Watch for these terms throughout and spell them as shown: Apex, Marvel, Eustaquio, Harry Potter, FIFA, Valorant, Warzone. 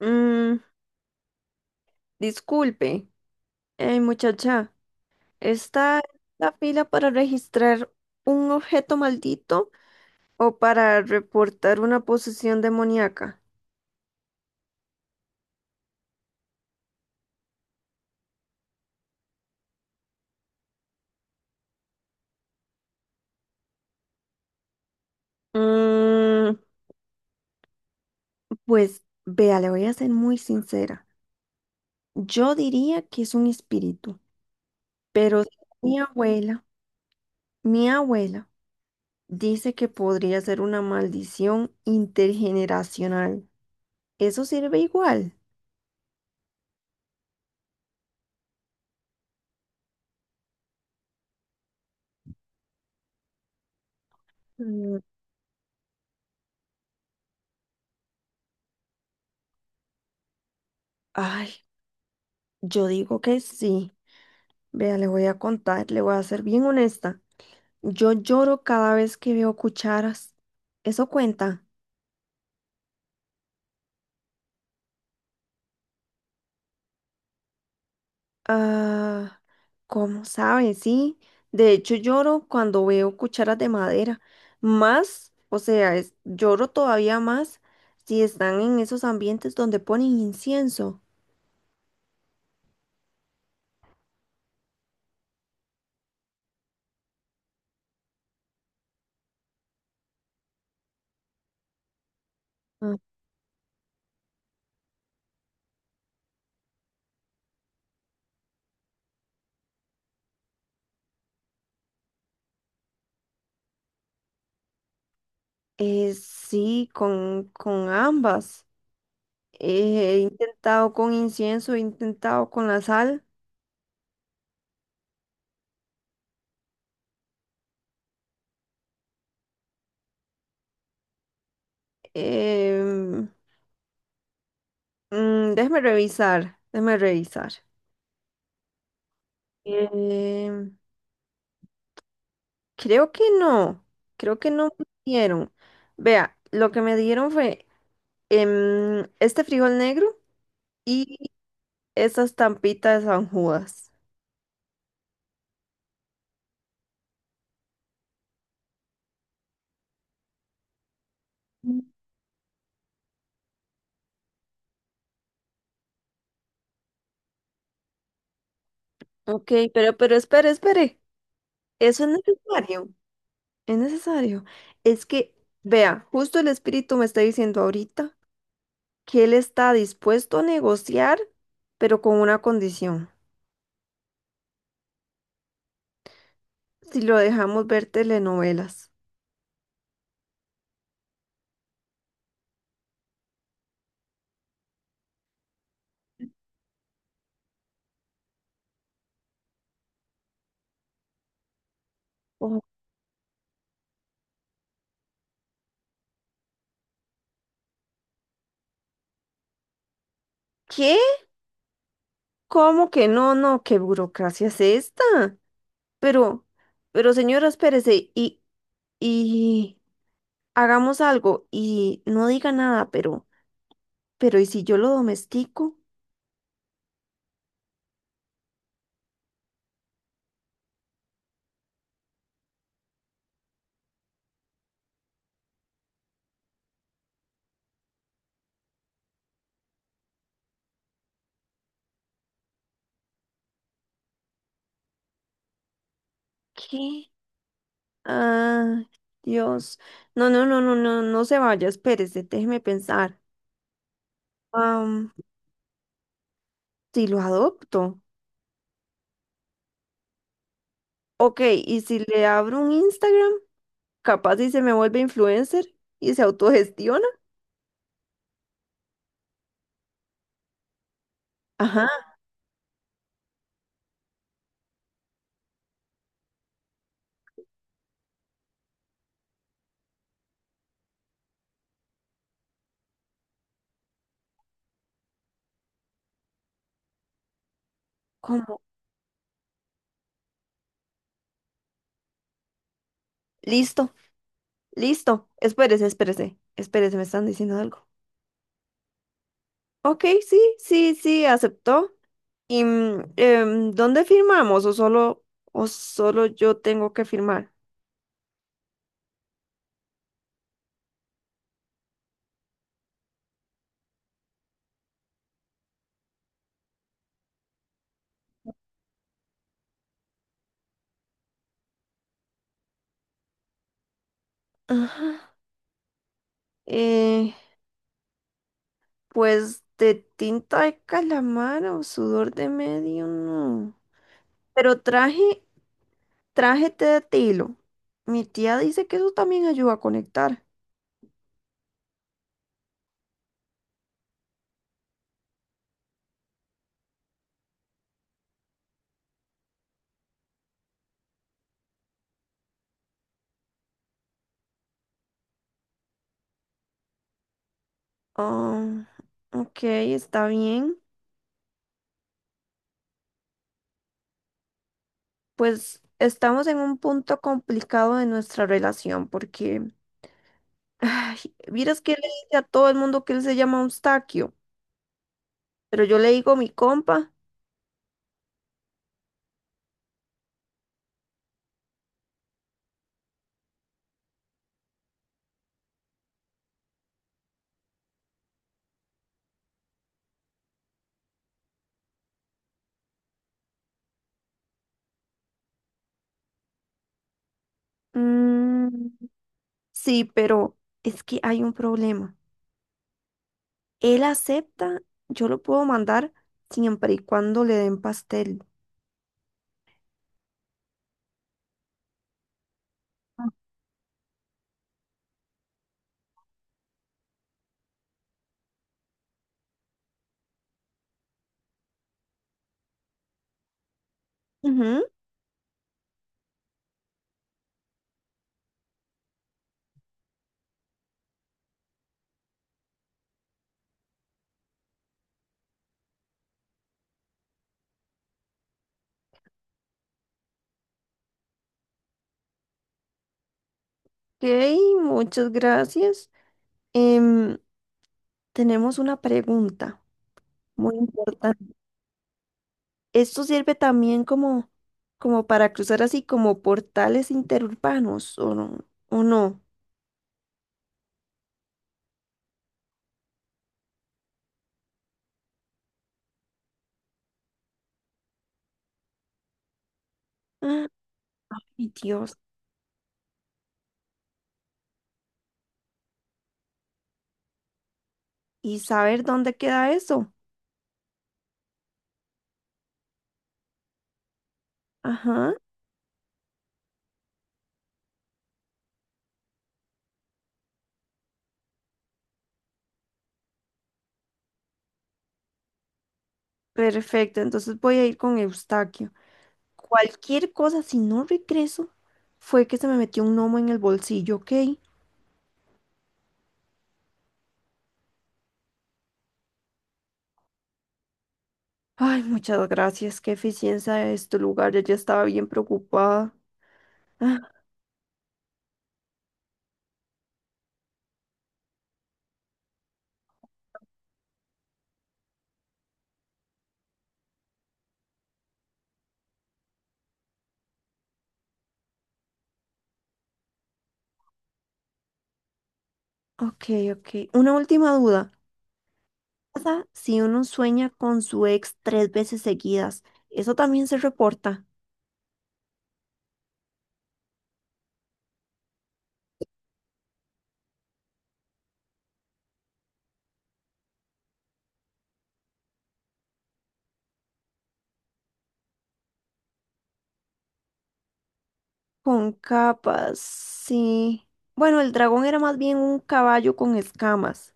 Mm, Disculpe, muchacha, ¿está en la fila para registrar un objeto maldito o para reportar una posesión demoníaca? Mm, pues vea, le voy a ser muy sincera. Yo diría que es un espíritu, pero si mi abuela, mi abuela dice que podría ser una maldición intergeneracional. ¿Eso sirve igual? Mm, Ay, yo digo que sí. Vea, le voy a contar, le voy a ser bien honesta. Yo lloro cada vez que veo cucharas. ¿Eso cuenta? Ah, ¿cómo sabe? Sí. De hecho, lloro cuando veo cucharas de madera. Más, o sea, lloro todavía más si están en esos ambientes donde ponen incienso. Ah. Sí, con ambas. He intentado con incienso, he intentado con la sal. Em, Déjame revisar, déjame revisar. Eh, Creo que no, creo que no me dieron. Vea, lo que me dieron fue este frijol negro y esas tampitas de San Judas. Mm. Ok, pero espere, espere. Eso no es necesario, es necesario. Es que, vea, justo el espíritu me está diciendo ahorita que él está dispuesto a negociar, pero con una condición, si lo dejamos ver telenovelas. ¿Qué? ¿Cómo que no? No, ¿qué burocracia es esta? Pero, pero señora, espérese y hagamos algo y no diga nada, pero ¿y si yo lo domestico? ¿Qué? Ah, Dios. No, no, no, no, no, no se vaya, espérese, déjeme pensar. Am, si lo adopto. Ok, ¿y si le abro un Instagram? Capaz y se me vuelve influencer y se autogestiona. Ajá, como, listo. Listo, espérese, espérese, espérese, me están diciendo algo. Ok, sí, sí, sí, aceptó. ¿Y dónde firmamos? ¿O solo yo tengo que firmar? Ajá. Eh, pues de tinta de calamar o sudor de medio, no. Pero traje Trájete de tilo. Mi tía dice que eso también ayuda a conectar. Ah, ok, está bien. Pues estamos en un punto complicado de nuestra relación porque, ay, vieras que él le dice a todo el mundo que él se llama Eustaquio, pero yo le digo mi compa. Mm, sí, pero es que hay un problema. Él acepta, yo lo puedo mandar siempre y cuando le den pastel. Ujú, ok, muchas gracias. Em, Tenemos una pregunta muy importante. ¿Esto sirve también como para cruzar así como portales interurbanos o no? ¿O no? Ah, Ay, Dios. ¿Y saber dónde queda eso? Ajá, perfecto. Entonces voy a ir con Eustaquio. Cualquier cosa, si no regreso, fue que se me metió un gnomo en el bolsillo, ¿ok? Ay, muchas gracias. Qué eficiencia es tu lugar. Yo ya estaba bien preocupada. Ah, ok, ok. Una última duda. ¿Qué pasa si uno sueña con su ex tres veces seguidas? Eso también se reporta. Con capas, sí. Bueno, el dragón era más bien un caballo con escamas.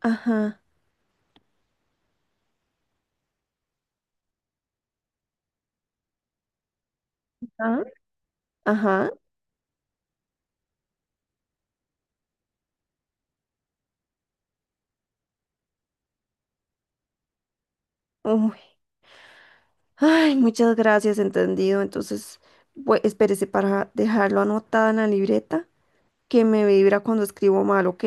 Ajá. ¿Ah? Ajá. Uy. Ay, muchas gracias, entendido. Entonces, espérese para dejarlo anotada en la libreta que me vibra cuando escribo mal, ¿ok?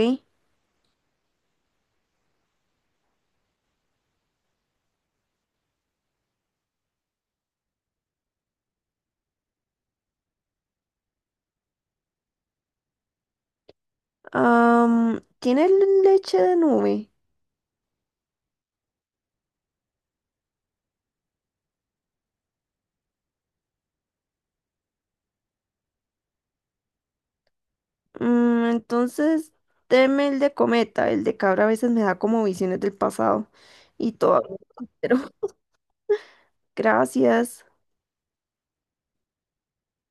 Tiene leche de nube. Entonces, deme el de cometa. El de cabra a veces me da como visiones del pasado. Y todo. Pero gracias.